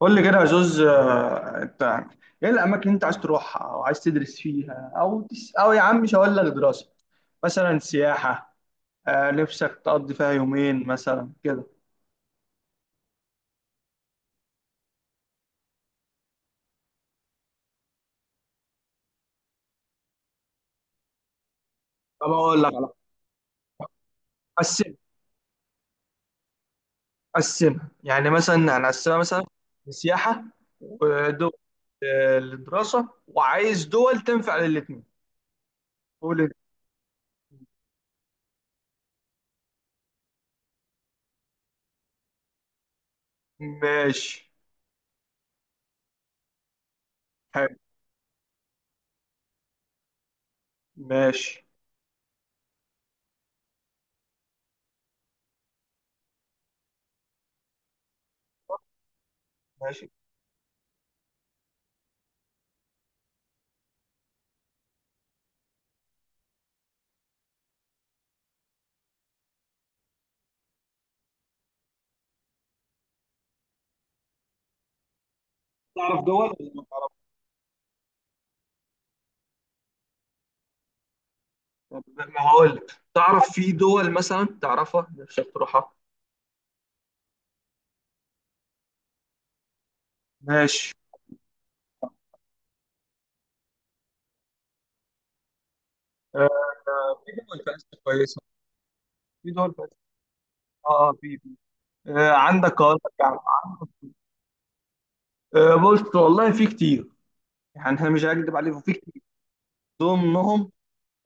قول لي كده يا زوز، انت ايه الاماكن اللي انت عايز تروحها او عايز تدرس فيها او يا عم مش هقول لك دراسه، مثلا سياحه. نفسك تقضي فيها يومين مثلا كده. طب اقول لك على- قسم قسمها يعني، مثلا هنقسمها مثلا سياحه، ودول للدراسه، وعايز دول تنفع للاثنين. قول انت. ماشي، حلو، ماشي ماشي. تعرف دول ولا لأ؟ طب ما هقول لك، تعرف في دول مثلا تعرفها نفسك تروحها؟ ماشي. آه، في دول في آسيا كويسة، في دول في آسيا. اه آه، في في آه، عندك أقول لك يعني عندك. بص والله في كتير، يعني أنا مش هكدب عليك، في كتير ضمنهم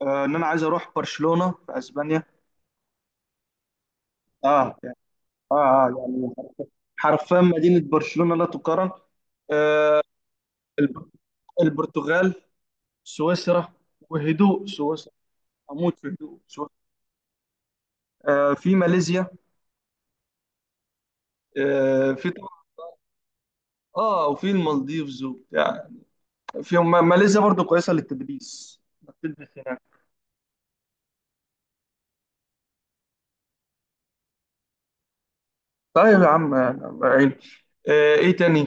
إن أنا عايز أروح برشلونة في أسبانيا. اه يعني اه يعني حرفيا مدينة برشلونة لا تقارن. آه، الب- البرتغال، سويسرا، وهدوء سويسرا. أموت في هدوء سويسرا. في ماليزيا، آه، في اه وفي المالديفز وبتاع. في ما- ماليزيا برضو كويسه للتدريس، إنك تدرس هناك. طيب يا عم، يعني عيني، ايه تاني؟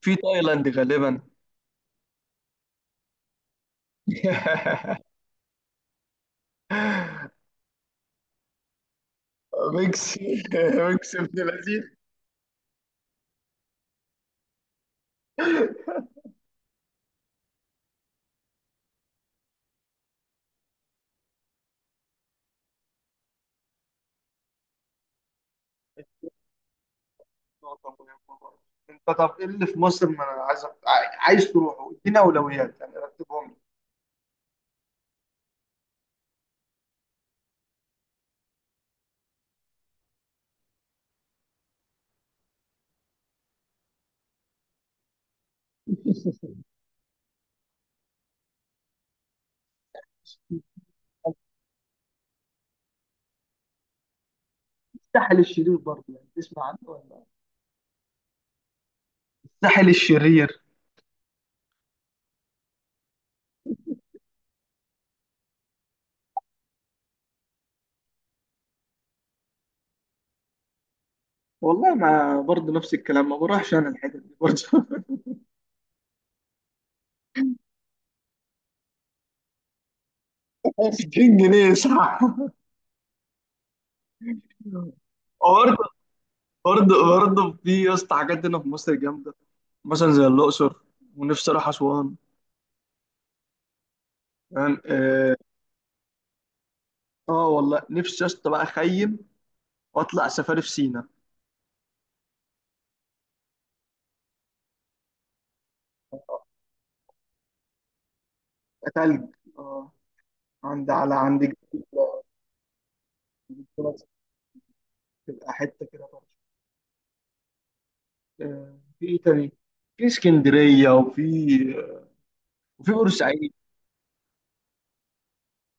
في تايلاند غالبا. ميكس ميكس ابن لذيذ. نقطة مهمة برضه. انت طب ايه اللي في مصر ما انا عايز تروحه؟ ادينا اولويات، يعني رتبهم لي. الساحل الشرير برضه، يعني تسمع عنه ولا؟ الساحل الشرير. والله ما، برضه نفس الكلام، ما بروحش انا الحتت دي برضه. 2000 جنيه، صح؟ برضه برضه برضه في يا اسطى حاجات هنا في مصر جامده. مثلا زي الاقصر، ونفسي اروح اسوان، يعني. والله نفسي يا اسطى بقى اخيم واطلع سفاري في سينا. تلج، اه. عند جبل طلعت، تبقى حته كده طرش. في ايه تاني؟ في اسكندريه، وفي بورسعيد.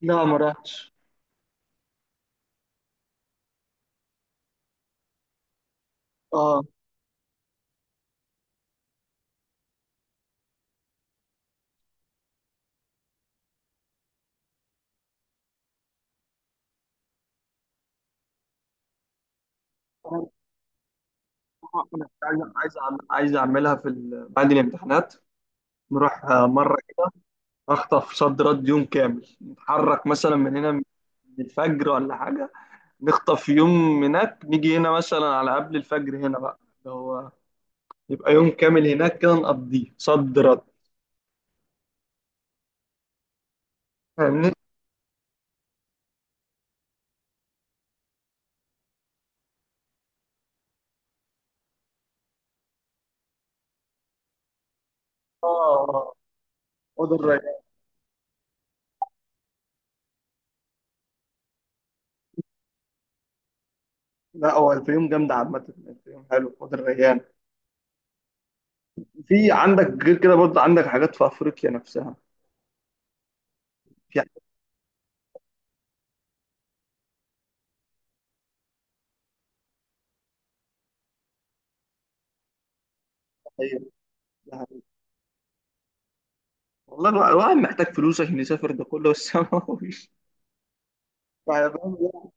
لا ما رحتش. اه، أنا عايز اعملها في بعد الامتحانات. نروح مره، اخطف صد رد يوم كامل. نتحرك مثلا من الفجر ولا حاجه، نخطف يوم هناك، نيجي هنا مثلا على قبل الفجر، هنا بقى اللي هو يبقى يوم كامل هناك، كده نقضيه صد رد. فاهمني؟ اه، اوضه الريان. لا، هو الفيوم جامده عامه، الفيوم حلو، اوضه الريان. في عندك غير كده برضه، عندك حاجات في افريقيا نفسها، في حاجات حقيقية، يعني. والله، الواحد محتاج فلوس عشان يسافر ده كله، بس ما هوش، يعني، فاهم؟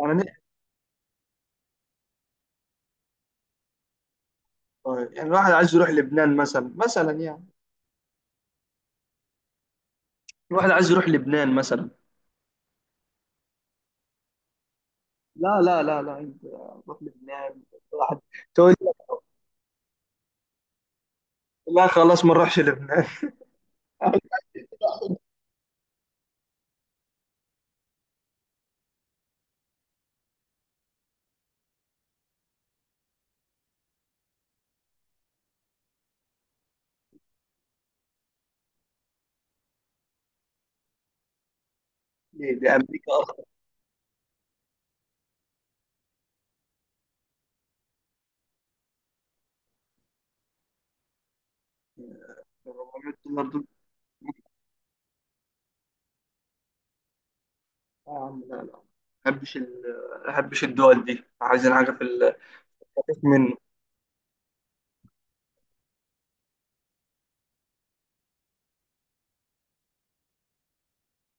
يعني يعني الواحد عايز يروح لبنان مثلا، يعني الواحد عايز يروح لبنان مثلا. لا لا لا لا، انت، روح لبنان واحد. تقول لي لا؟ خلاص ما نروحش لبنان. ليه؟ لامريكا اصلا؟ $400 دول. آه يا عم، لا لا، بحبش ال- ما بحبش الدول دي. عايزين حاجه في خفيف منه.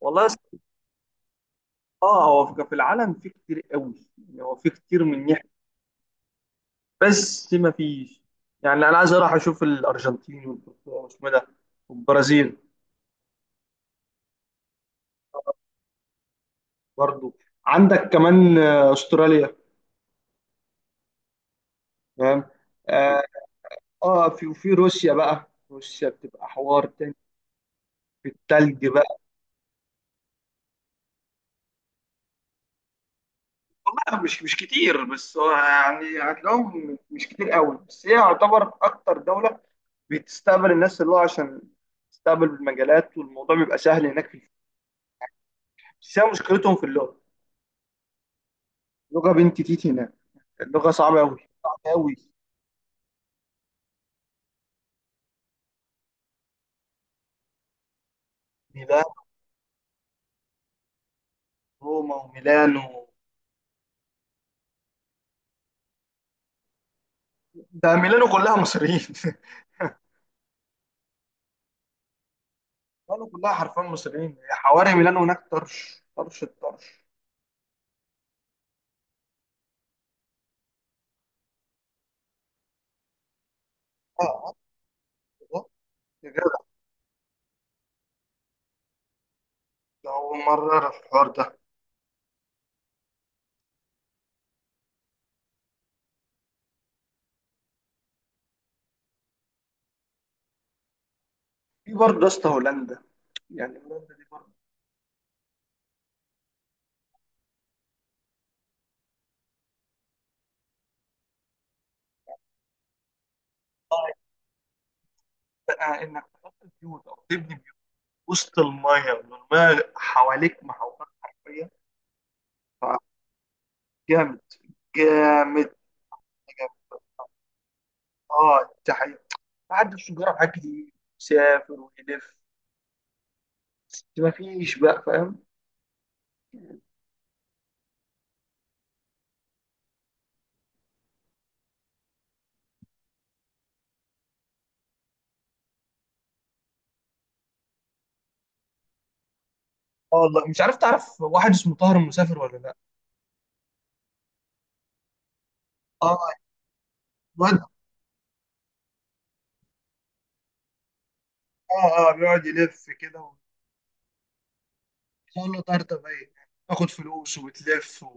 والله يا اسطى، اه هو في العالم في كتير قوي، يعني هو في كتير من ناحيه، بس ما فيش يعني، انا عايز اروح اشوف الارجنتين والبرتغال واسمه ده، والبرازيل. برضو عندك كمان استراليا، تمام. آه، اه في وفي روسيا بقى، روسيا بتبقى حوار تاني، في التلج بقى. والله مش كتير، بس هو يعني هتلاقيهم مش كتير قوي، بس هي يعتبر اكتر دولة بتستقبل الناس اللي هو عشان تستقبل بالمجالات، والموضوع بيبقى سهل هناك في الفهم. بس هي مشكلتهم في اللغة. اللغة بنت تيتي هناك. اللغة صعبة قوي، صعبة قوي. ميلانو، روما وميلانو. ده ميلانو كلها مصريين. ميلانو كلها حرفيا مصريين، حواري ميلانو هناك طرش طرش الطرش. اه، آه، آه. ده أول مرة أعرف الحوار ده. في برضه يا اسطى هولندا، يعني هولندا دي برضه. آه بقى إنك تحط بيوت أو تبني بيوت وسط الماية، والماية حواليك محوطات حرفيا. آه، جامد، جامد، جامد. اه ده حقيقي. بعد الشجره حاجات كتير، يسافر ويلف، ما فيش بقى فاهم. اه، والله مش عارف، تعرف واحد اسمه طاهر المسافر ولا لا؟ اه، الواد. اه بيقعد يلف كده، ويقول له طرطب باين، تاخد فلوس وبتلف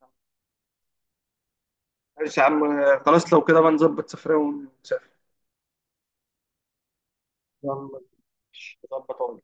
آه. ماشي يا عم، خلاص لو كده بقى نظبط سفرية ونسافر. يلا. ماشي. نظبط أهو.